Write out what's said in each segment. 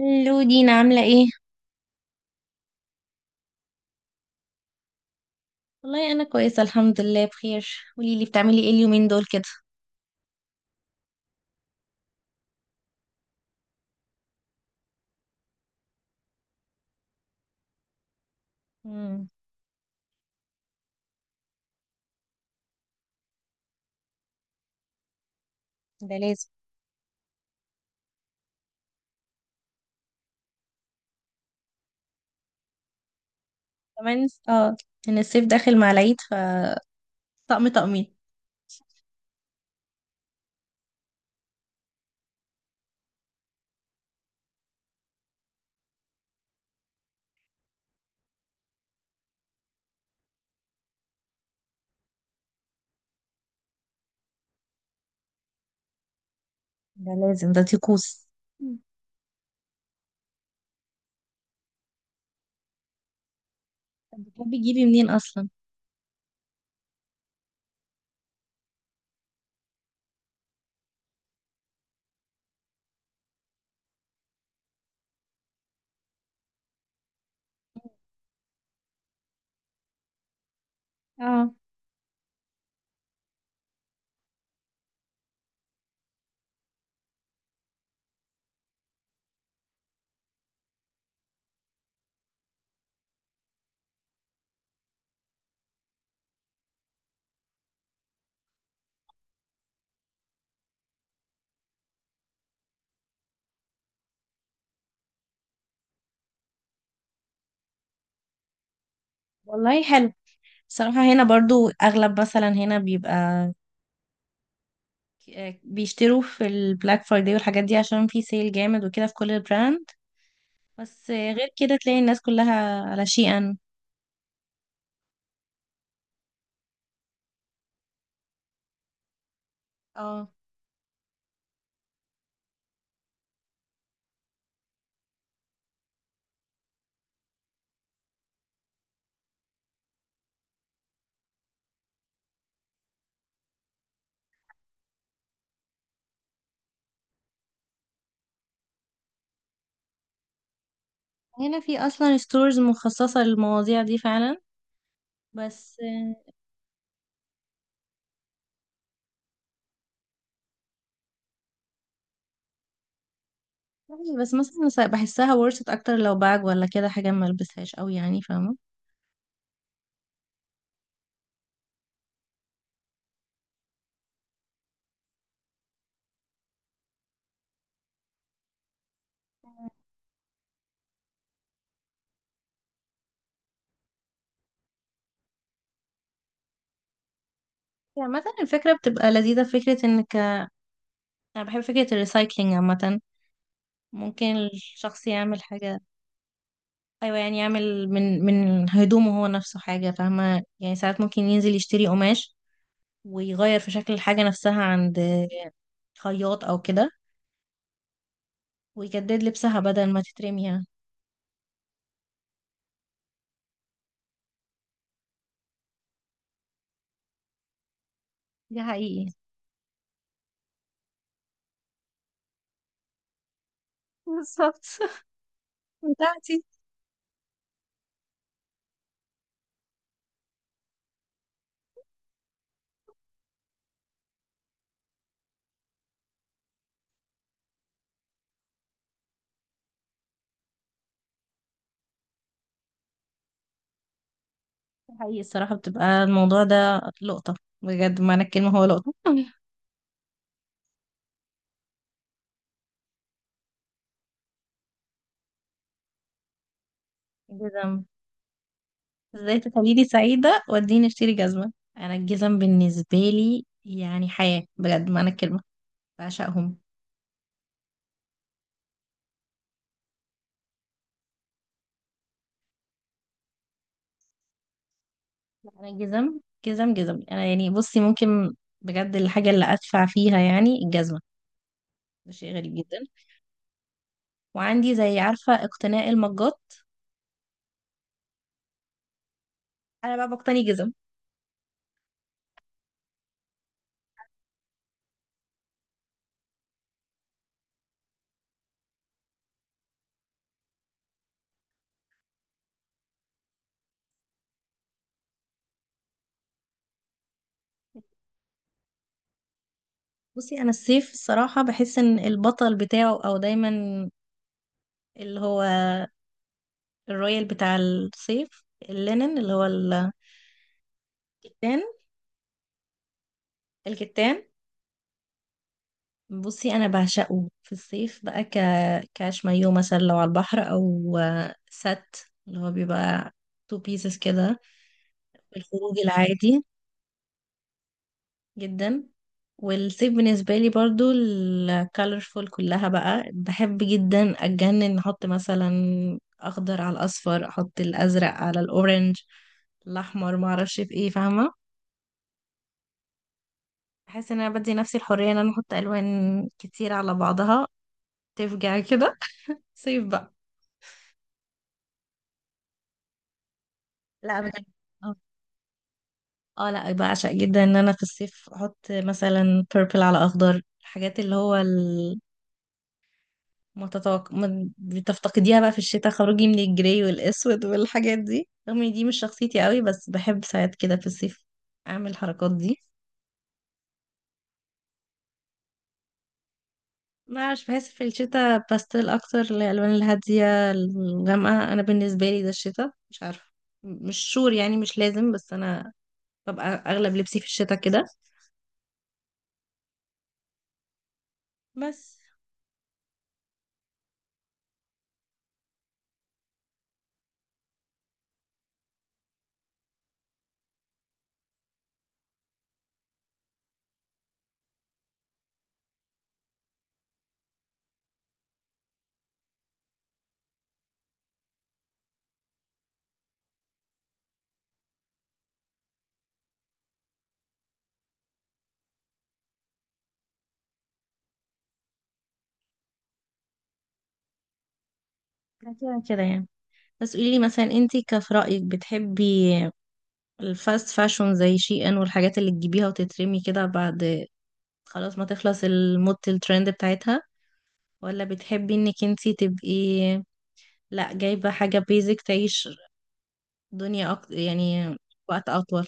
الو دينا عاملة ايه؟ والله أنا كويسة الحمد لله بخير. قوليلي بتعملي ايه اليومين دول كده؟ مم. ده لازم. كمان اه، إن الصيف داخل مع العيد ف طقم طقمين. ده لازم، ده طقوس. مم. طب بتحبي تجيبي منين أصلا؟ اه، والله حلو. صراحة هنا برضو أغلب مثلا هنا بيبقى بيشتروا في البلاك فرايداي والحاجات دي عشان في سيل جامد وكده في كل البراند. بس غير كده تلاقي الناس كلها على شيئا. اه، هنا في اصلا ستورز مخصصة للمواضيع دي فعلا. بس بس مثلا بحسها ورثت اكتر لو باج ولا كده حاجة ما البسهاش قوي يعني فاهمة. يعني مثلا الفكرة بتبقى لذيذة، فكرة انك انا بحب فكرة الريسايكلينج عامة. ممكن الشخص يعمل حاجة. ايوه يعني يعمل من هدومه هو نفسه حاجة، فاهمة؟ يعني ساعات ممكن ينزل يشتري قماش ويغير في شكل الحاجة نفسها عند خياط او كده، ويجدد لبسها بدل ما تترمي يعني. ده حقيقي. بالظبط. بتاعتي. حقيقي الصراحة بتبقى الموضوع ده لقطة، بجد معنى الكلمة هو لقطة. جزم. ازاي تخليني سعيدة واديني اشتري جزمة؟ انا الجزم بالنسبة لي يعني حياة، بجد معنى الكلمة. بعشقهم. انا الجزم جزم جزم، انا يعني بصي ممكن، بجد الحاجة اللي ادفع فيها يعني الجزمة، ده شيء غريب جدا. وعندي زي عارفة اقتناء المجات، انا بقى بقتني جزم. بصي انا الصيف الصراحة بحس ان البطل بتاعه او دايما اللي هو الرويال بتاع الصيف، اللينن اللي هو الكتان، الكتان. بصي انا بعشقه في الصيف بقى كاش مايو مثلا لو على البحر او سات، اللي هو بيبقى تو بيسز كده، في الخروج العادي. جدا. والصيف بالنسبة لي برضو الكالرفول كلها بقى بحب جدا، اتجنن احط مثلا اخضر على الاصفر، احط الازرق على الاورنج، الاحمر، معرفش في ايه فاهمة. بحس ان انا بدي نفسي الحريه ان انا احط الوان كتير على بعضها، تفجع كده، صيف بقى. لا بجد. اه. لا بعشق جدا ان انا في الصيف احط مثلا purple على اخضر، الحاجات اللي هو ما بتفتقديها بقى في الشتاء خروجي من الجراي والاسود والحاجات دي رغم ان دي مش شخصيتي قوي، بس بحب ساعات كده في الصيف اعمل الحركات دي. ما عارف بحس في الشتاء باستيل اكتر، الالوان الهاديه الغامقه، انا بالنسبه لي ده الشتاء مش عارفه، مش شور يعني مش لازم، بس انا ببقى اغلب لبسي في الشتاء كده، بس كده كده يعني. بس قولي لي مثلا انتي كف رايك بتحبي الفاست فاشون زي شي ان والحاجات اللي تجيبيها وتترمي كده بعد خلاص ما تخلص الموضه الترند بتاعتها، ولا بتحبي انك انتي تبقي لا جايبه حاجه بيزك تعيش دنيا أكتر يعني وقت اطول؟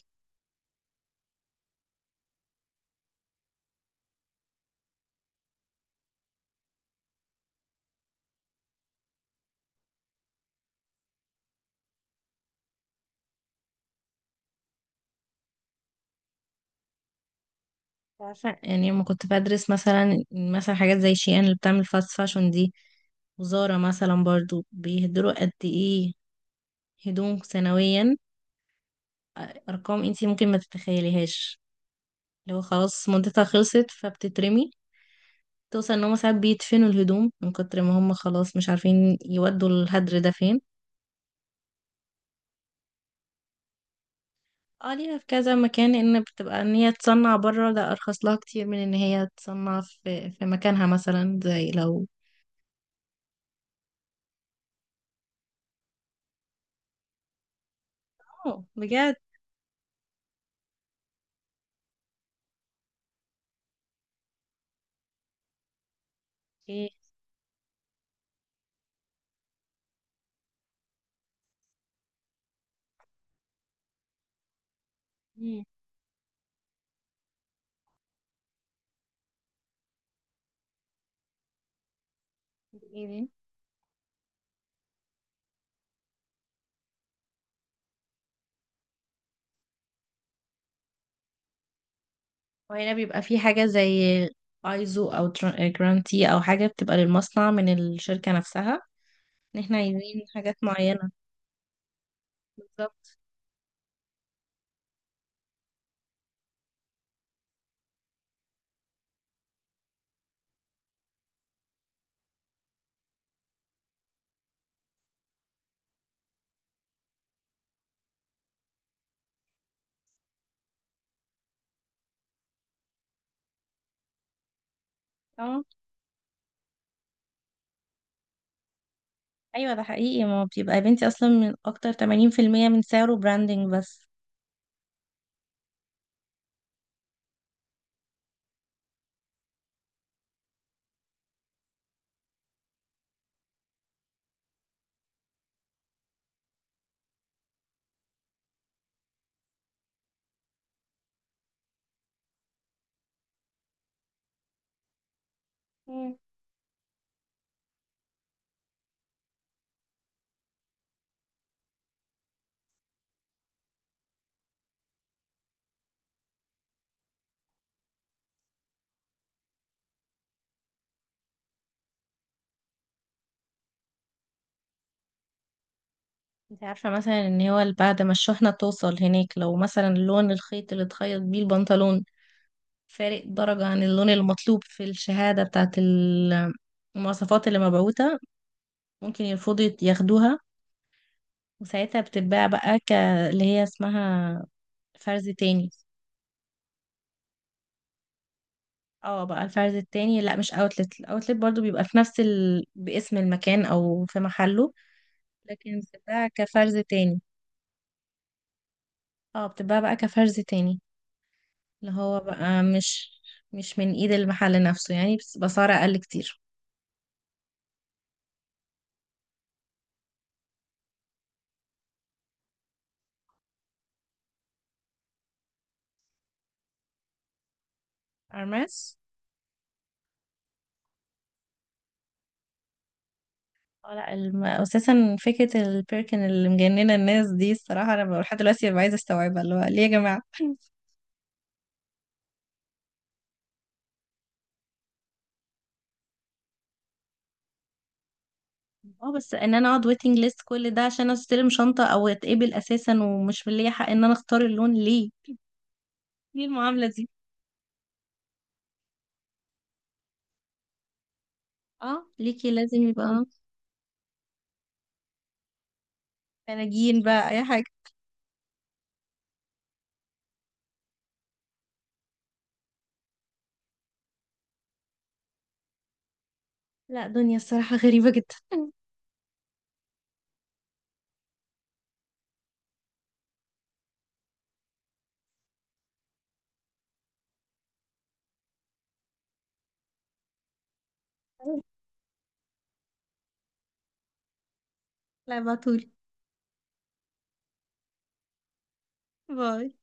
عارفة يعني لما كنت بدرس مثلا حاجات زي شي ان اللي بتعمل فاست فاشون دي، وزارة مثلا برضو بيهدروا قد ايه هدوم سنويا، ارقام انتي ممكن ما تتخيليهاش. لو خلاص مدتها خلصت فبتترمي، توصل ان هما ساعات بيدفنوا الهدوم من كتر ما هما خلاص مش عارفين يودوا الهدر ده فين. اه ليها في كذا مكان. ان بتبقى ان هي تصنع بره ده ارخص لها كتير من ان هي تصنع في مكانها مثلا زي لو اه بجد ايه. مم. ايه دي؟ وهنا بيبقى في حاجة زي ايزو او جرانتي او حاجة بتبقى للمصنع من الشركة نفسها ان احنا عايزين حاجات معينة. بالظبط. اه ايوه، ده حقيقي، ما هو بيبقى يا بنتي اصلا من اكتر 80% من سعره براندنج بس. مم. انت عارفة مثلا ان هو بعد ما الشحنة توصل هناك، لو مثلا لون الخيط اللي اتخيط بيه البنطلون فارق درجة عن اللون المطلوب في الشهادة بتاعت المواصفات اللي مبعوثة، ممكن يرفضوا ياخدوها. وساعتها بتتباع بقى اللي هي اسمها فرز تاني. اه بقى الفرز التاني، لا مش اوتلت، الاوتلت برضو بيبقى في نفس باسم المكان او في محله، لكن بتتباع كفرز تاني. اه بتتباع بقى كفرز تاني، اللي هو بقى مش، مش من ايد المحل نفسه يعني، بس بسعر اقل كتير. ارماس. اه لا اساسا فكرة البيركن اللي مجننة الناس دي الصراحة انا بقى لحد دلوقتي ببقى عايزة استوعبها، اللي هو ليه يا جماعة؟ اه بس ان انا اقعد ويتنج ليست كل ده عشان استلم شنطة او اتقبل اساسا ومش من ليا حق ان انا اختار اللون، ليه؟ ليه المعاملة دي؟ اه ليكي لازم يبقى فناجين بقى اي حاجة. لا، دنيا الصراحة غريبة جدا. لا، ابعتولي. باي.